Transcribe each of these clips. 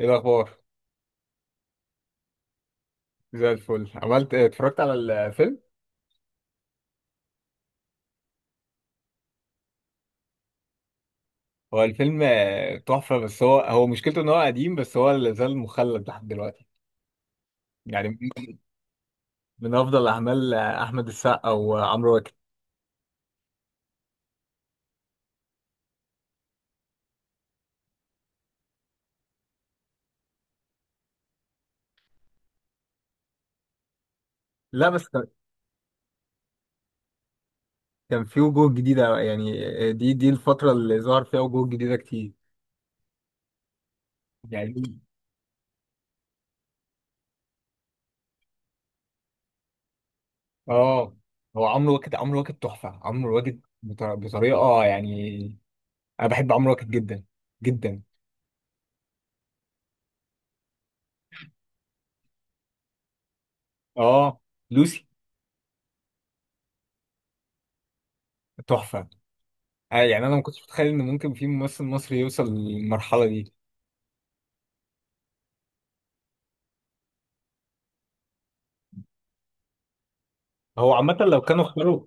ايه الاخبار زي الفل عملت إيه؟ اتفرجت على الفيلم. هو الفيلم تحفه، بس هو مشكلته ان هو قديم، بس هو اللي زال مخلد لحد دلوقتي يعني من افضل اعمال احمد السقا وعمرو واكد. لا بس كان كان في وجوه جديده، يعني دي الفتره اللي ظهر فيها وجوه جديده كتير يعني. اه، هو عمرو واكد تحفه. عمرو واكد بطريقه يعني انا بحب عمرو واكد جدا جدا. اه لوسي تحفه يعني انا ما كنتش متخيل ان ممكن في ممثل مصري يوصل للمرحله دي. هو عامه لو كانوا اختاروا،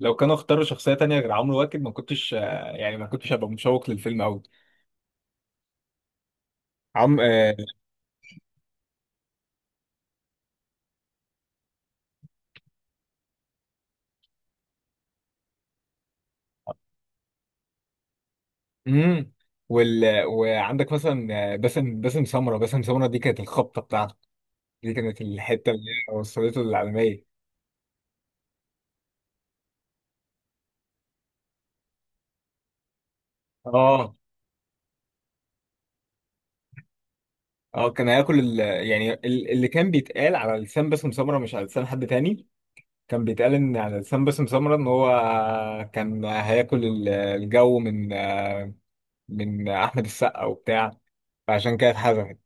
لو كانوا اختاروا شخصيه تانية غير عمرو واكد ما كنتش يعني ما كنتش هبقى مشوق للفيلم قوي. عم آه، امم وال... وعندك مثلا باسم سمره. باسم سمره دي كانت الخبطه بتاعته. دي كانت الحته اللي هي وصلته للعالميه. اه اه، كان هياكل ال... يعني اللي كان بيتقال على لسان باسم سمره مش على لسان حد تاني. كان بيتقال ان على لسان باسم سمرة ان هو كان هياكل الجو من احمد السقا وبتاع، فعشان كده اتحذفت.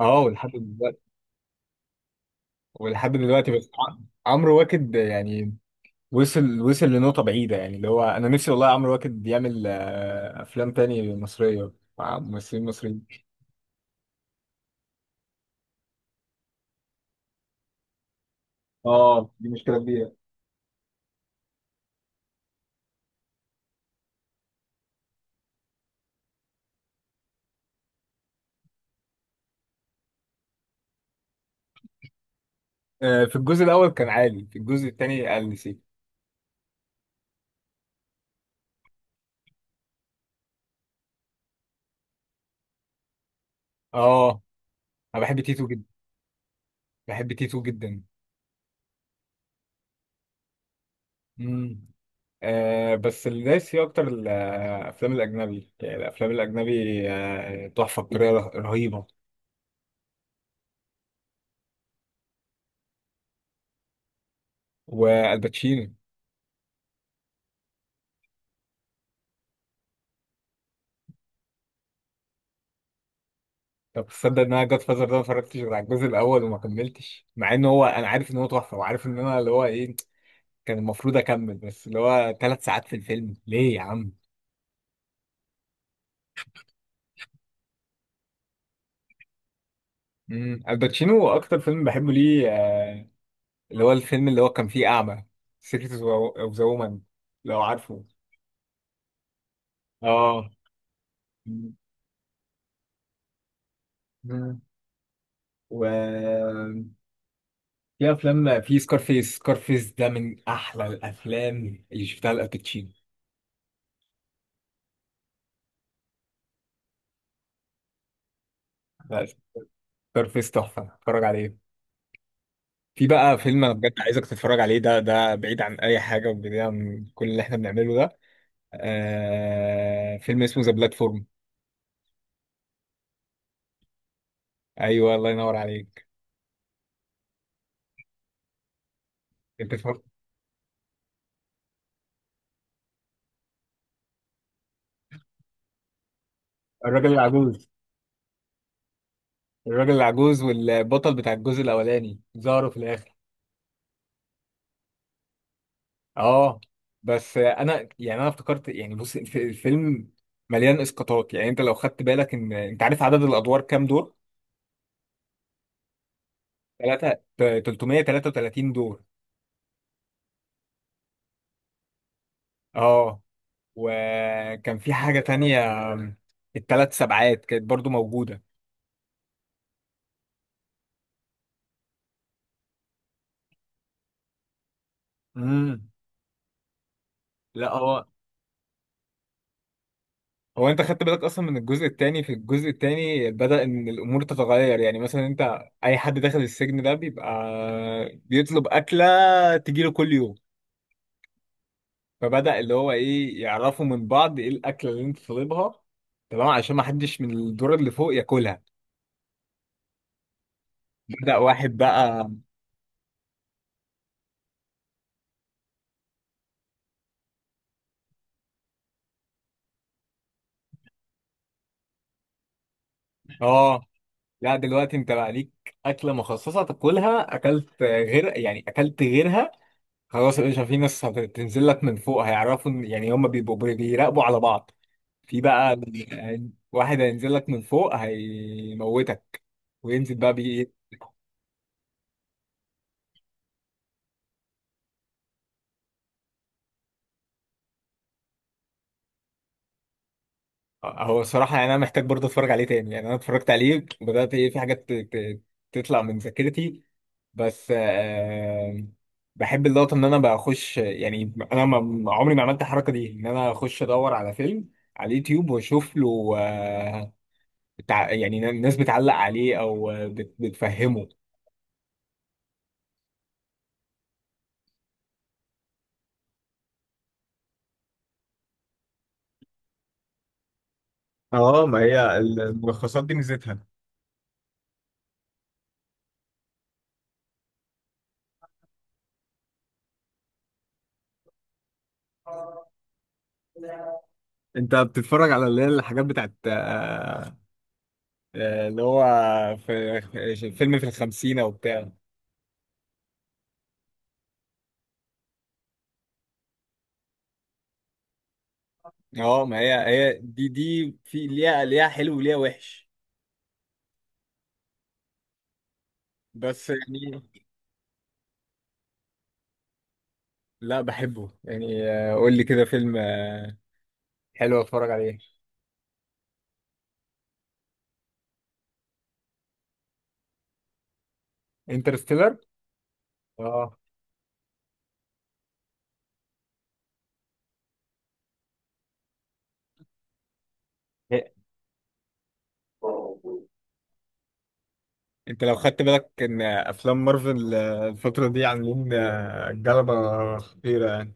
اه ولحد دلوقتي، ولحد دلوقتي بس عمرو واكد يعني وصل لنقطة بعيدة، يعني اللي هو انا نفسي والله عمرو واكد يعمل افلام تاني مصرية مع ممثلين مصريين. اه دي مشكلة كبيرة. في الجزء الاول كان عالي، في الجزء التاني قل سيكا. اه انا بحب تيتو جدا. بحب تيتو جدا. مم. آه، بس اللي دايس فيه اكتر الافلام الاجنبي. يعني الافلام الاجنبي تحفه بطريقه رهيبه. والباتشينو. طب تصدق ان انا جاد فازر ده ما اتفرجتش غير على الجزء الاول، وما كملتش مع ان هو، انا عارف ان هو تحفه، وعارف ان انا اللي هو ايه كان المفروض اكمل، بس اللي هو 3 ساعات في الفيلم ليه يا عم. امم. الباتشينو اكتر فيلم بحبه ليه اللي هو الفيلم اللي هو كان فيه اعمى، سيكريت اوف ذا وومن، لو عارفه. اه. مم. و في افلام، في سكارفيس ده من احلى الافلام اللي شفتها لالباتشينو. لا، سكارفيس تحفه، اتفرج عليه. في بقى فيلم انا بجد عايزك تتفرج عليه، ده بعيد عن اي حاجه، وبعيد عن كل اللي احنا بنعمله ده. آه، فيلم اسمه ذا بلاتفورم. ايوه، الله ينور عليك. انت فاهم. الراجل العجوز. الراجل العجوز والبطل بتاع الجزء الاولاني ظهروا في الاخر. اه، بس انا يعني انا افتكرت يعني بص، الفيلم مليان اسقاطات. يعني انت لو خدت بالك، ان انت عارف عدد الادوار كام دور؟ ثلاثة، 333 دور. اه، وكان في حاجة تانية، ال3 سبعات كانت برضو موجودة. امم. لا هو، هو انت خدت بالك اصلا من الجزء الثاني؟ في الجزء الثاني بدأ ان الامور تتغير، يعني مثلا انت اي حد داخل السجن ده بيبقى بيطلب اكلة تجيله كل يوم. فبدأ اللي هو ايه، يعرفوا من بعض ايه الاكله اللي انت طالبها، تمام، عشان ما حدش من الدور اللي فوق ياكلها. بدأ واحد بقى. اه، لا دلوقتي انت بقى ليك اكله مخصصه تاكلها، اكلت غير يعني اكلت غيرها، خلاص يا باشا. في ناس هتنزل لك من فوق هيعرفوا يعني هم بيبقوا بيراقبوا على بعض. في بقى واحد هينزل لك من فوق هيموتك وينزل بقى. هو الصراحة يعني أنا محتاج برضه أتفرج عليه تاني، يعني أنا اتفرجت عليه بدأت إيه في حاجات تطلع من ذاكرتي، بس آه بحب اللقطة إن أنا بخش. يعني أنا عمري ما عملت الحركة دي، إن أنا أخش أدور على فيلم على اليوتيوب وأشوف له آه بتاع، يعني الناس بتعلق عليه أو بتفهمه. اه، ما هي الملخصات دي ميزتها. أنت بتتفرج على اللي هي الحاجات بتاعت آه اللي هو، في في فيلم في الخمسينة وبتاع. اه، ما هي هي دي في ليها، ليها حلو وليها وحش، بس يعني. لا بحبه يعني. قول لي كده فيلم حلو اتفرج عليه. انترستيلر. اه، انت لو خدت بالك ان افلام مارفل الفترة دي عاملين جلبة خطيرة يعني.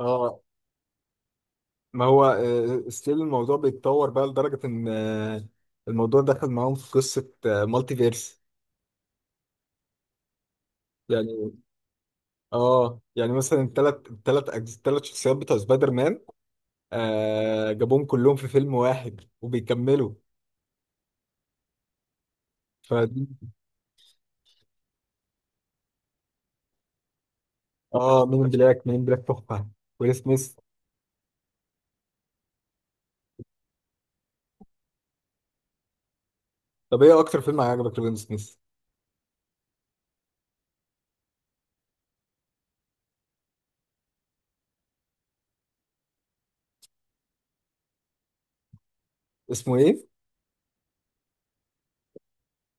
اه، ما هو ستيل الموضوع بيتطور بقى لدرجة ان الموضوع دخل معاهم في قصة مالتي فيرس يعني. اه يعني مثلا الثلاث شخصيات بتوع سبايدر مان آه جابوهم كلهم في فيلم واحد وبيكملوا. ف اه، مين إن بلاك. مين إن بلاك تحفه. ويل سميث. طب ايه اكتر فيلم عجبك لويل سميث؟ اسمه ايه؟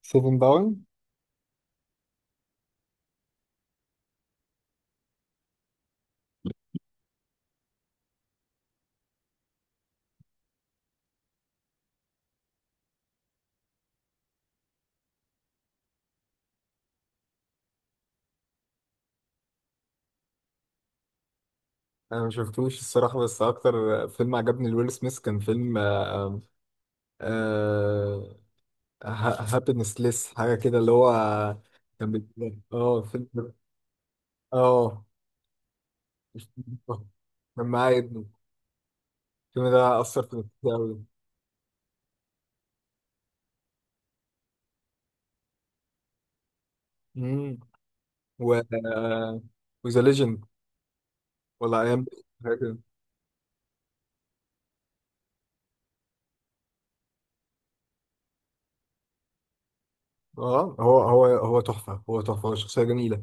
سيفن داون. انا ما شفتوش الصراحه، بس اكتر فيلم عجبني لويل سميث كان فيلم آه آه، هابينس ليس حاجه كده، اللي هو كان اه فيلم، اه، كان معايا ابنه. الفيلم ده أثر في نفسيتي أوي. امم. و وذا ليجند، ولا أيام حاجة كده. اه، هو تحفة. هو تحفة. هو شخصية جميلة.